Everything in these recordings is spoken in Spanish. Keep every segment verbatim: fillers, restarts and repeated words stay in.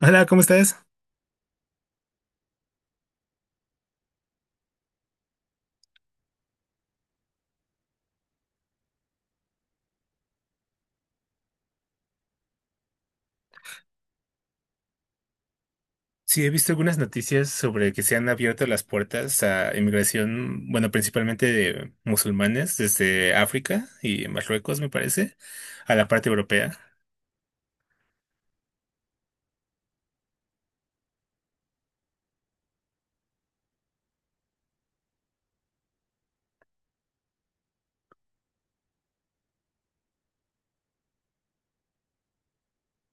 Hola, ¿cómo estás? Sí, he visto algunas noticias sobre que se han abierto las puertas a inmigración, bueno, principalmente de musulmanes desde África y Marruecos, me parece, a la parte europea.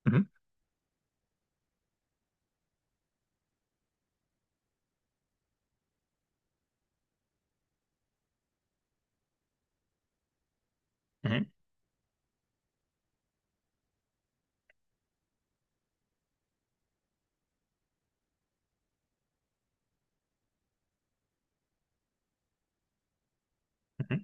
Ujú. Ujú, ujú.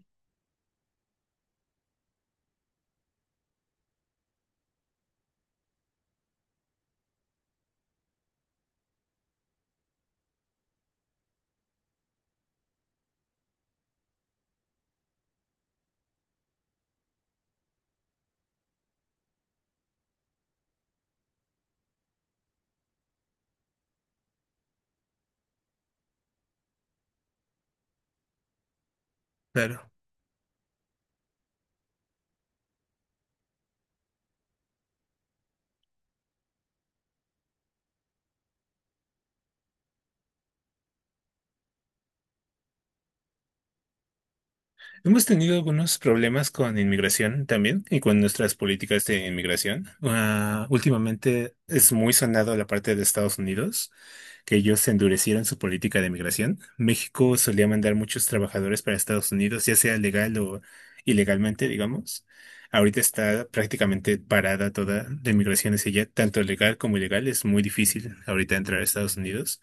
Claro. Hemos tenido algunos problemas con inmigración también y con nuestras políticas de inmigración. Ah, últimamente es muy sonado la parte de Estados Unidos, que ellos endurecieron su política de inmigración. México solía mandar muchos trabajadores para Estados Unidos, ya sea legal o ilegalmente, digamos. Ahorita está prácticamente parada toda la inmigración hacia allá, tanto legal como ilegal. Es muy difícil ahorita entrar a Estados Unidos.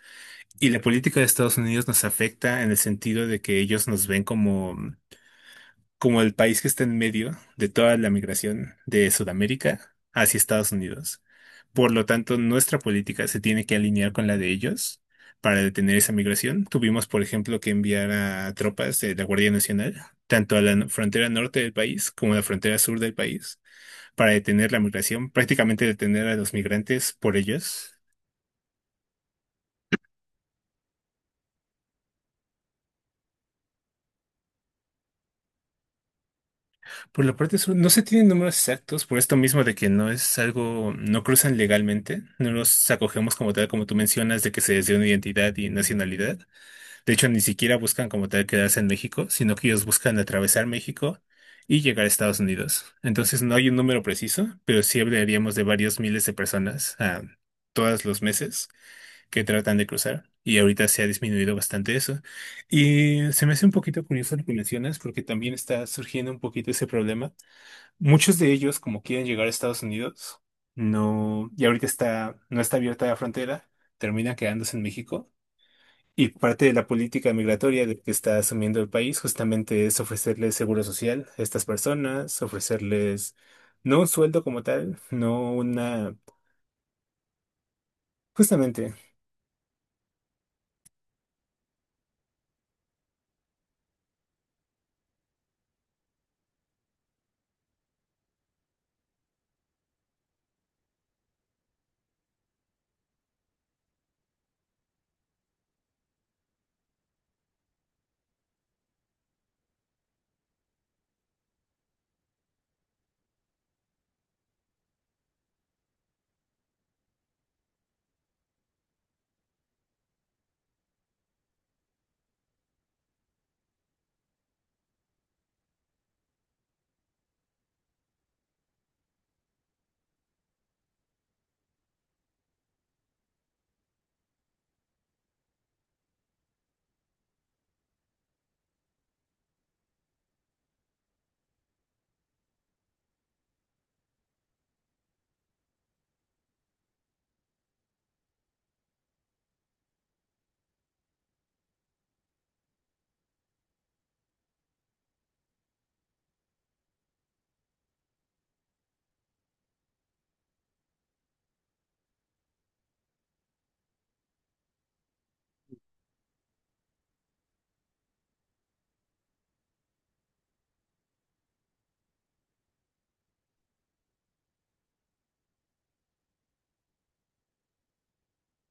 Y la política de Estados Unidos nos afecta en el sentido de que ellos nos ven como como el país que está en medio de toda la migración de Sudamérica hacia Estados Unidos. Por lo tanto, nuestra política se tiene que alinear con la de ellos para detener esa migración. Tuvimos, por ejemplo, que enviar a tropas de la Guardia Nacional, tanto a la n- frontera norte del país como a la frontera sur del país, para detener la migración, prácticamente detener a los migrantes por ellos. Por la parte sur, no se tienen números exactos por esto mismo de que no es algo, no cruzan legalmente, no los acogemos como tal, como tú mencionas, de que se les dio una identidad y nacionalidad. De hecho, ni siquiera buscan como tal quedarse en México, sino que ellos buscan atravesar México y llegar a Estados Unidos. Entonces, no hay un número preciso, pero sí hablaríamos de varios miles de personas ah, todos los meses que tratan de cruzar. Y ahorita se ha disminuido bastante eso. Y se me hace un poquito curioso lo que mencionas, porque también está surgiendo un poquito ese problema. Muchos de ellos, como quieren llegar a Estados Unidos, no, y ahorita está, no está abierta la frontera, termina quedándose en México. Y parte de la política migratoria de- que está asumiendo el país justamente es ofrecerles seguro social a estas personas, ofrecerles no un sueldo como tal, no una, justamente.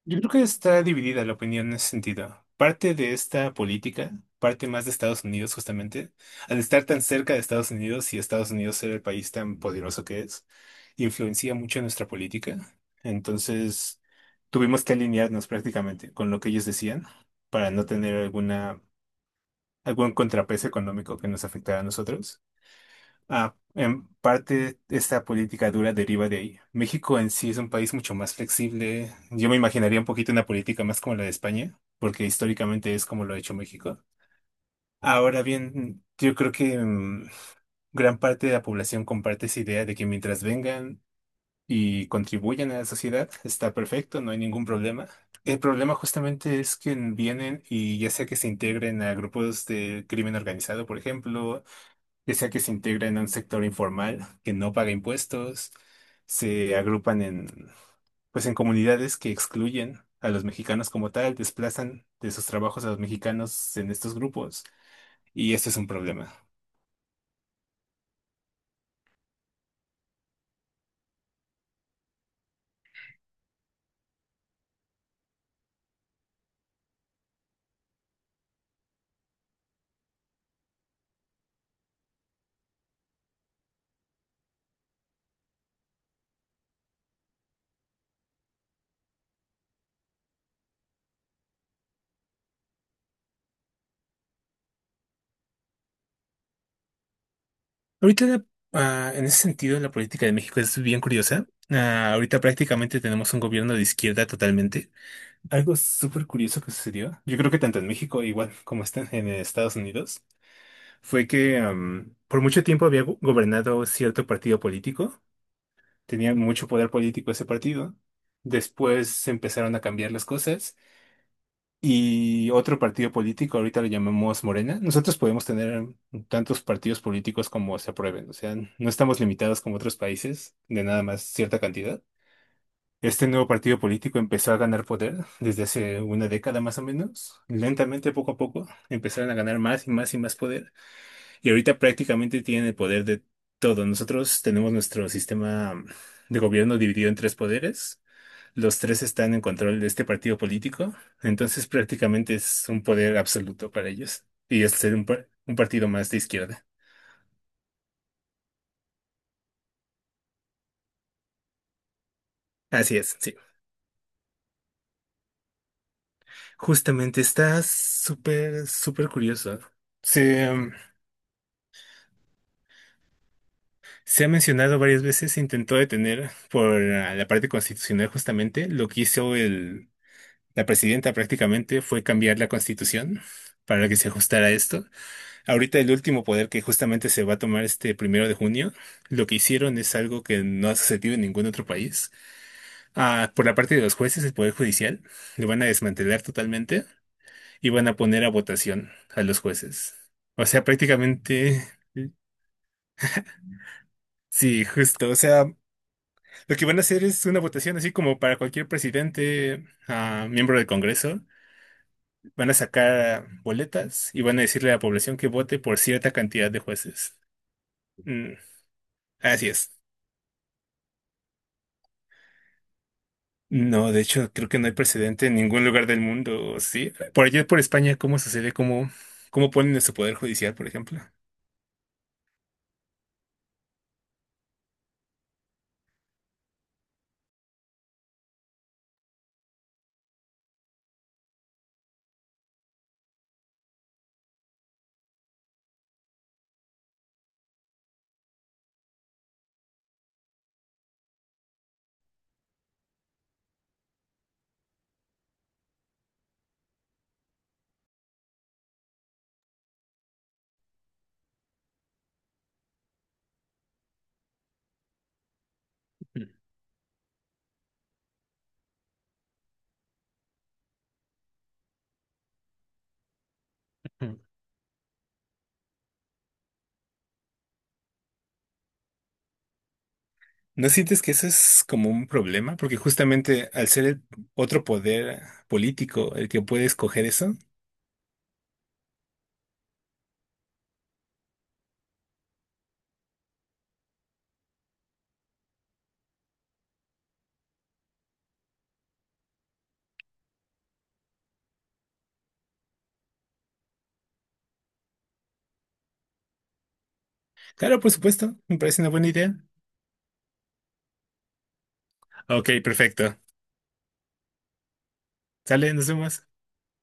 Yo creo que está dividida la opinión en ese sentido. Parte de esta política, parte más de Estados Unidos justamente, al estar tan cerca de Estados Unidos y Estados Unidos ser el país tan poderoso que es, influencia mucho nuestra política. Entonces, tuvimos que alinearnos prácticamente con lo que ellos decían para no tener alguna, algún contrapeso económico que nos afectara a nosotros. Ah, en parte esta política dura deriva de ahí. México en sí es un país mucho más flexible. Yo me imaginaría un poquito una política más como la de España, porque históricamente es como lo ha hecho México. Ahora bien, yo creo que mm, gran parte de la población comparte esa idea de que mientras vengan y contribuyan a la sociedad, está perfecto, no hay ningún problema. El problema justamente es que vienen y ya sea que se integren a grupos de crimen organizado, por ejemplo, ya sea que se integren a un sector informal que no paga impuestos, se agrupan en, pues en comunidades que excluyen a los mexicanos como tal, desplazan de sus trabajos a los mexicanos en estos grupos, y esto es un problema. Ahorita, la- ah, en ese sentido, la política de México es bien curiosa. Ah, ahorita prácticamente tenemos un gobierno de izquierda totalmente. Algo súper curioso que sucedió. Yo creo que tanto en México, igual como están en Estados Unidos, fue que am, por mucho tiempo había go- gobernado cierto partido político, tenía mucho poder político ese partido. Después empezaron a cambiar las cosas y otro partido político, ahorita lo llamamos Morena. Nosotros podemos tener tantos partidos políticos como se aprueben, o sea, no estamos limitados como otros países de nada más cierta cantidad. Este nuevo partido político empezó a ganar poder desde hace una década más o menos. Lentamente, poco a poco, empezaron a ganar más y más y más poder. Y ahorita prácticamente tienen el poder de todo. Nosotros tenemos nuestro sistema de gobierno dividido en tres poderes. Los tres están en control de este partido político. Entonces prácticamente es un poder absoluto para ellos. Y es ser un, par- un partido más de izquierda. Así es, sí. Justamente está súper, súper curioso. Se, um, Se ha mencionado varias veces, se intentó detener por ah, la parte constitucional justamente lo que hizo el. La presidenta prácticamente fue cambiar la constitución para que se ajustara a esto. Ahorita el último poder que justamente se va a tomar este primero de junio, lo que hicieron es algo que no ha sucedido en ningún otro país. Ah, por la parte de los jueces, el poder judicial, lo van a desmantelar totalmente y van a poner a votación a los jueces. O sea, prácticamente, sí, justo. O sea, lo que van a hacer es una votación así como para cualquier presidente, ah, miembro del Congreso. Van a sacar boletas y van a decirle a la población que vote por cierta cantidad de jueces. Mm, así es. No, de hecho, creo que no hay precedente en ningún lugar del mundo, ¿sí? Por allá por España, ¿cómo sucede? ¿Cómo, cómo ponen su poder judicial, por ejemplo? Ujú. ¿No sientes que eso es como un problema? Porque justamente al ser el otro poder político el que puede escoger eso, Claro, por supuesto, me parece una buena idea. Ok, perfecto. Sale, nos vemos.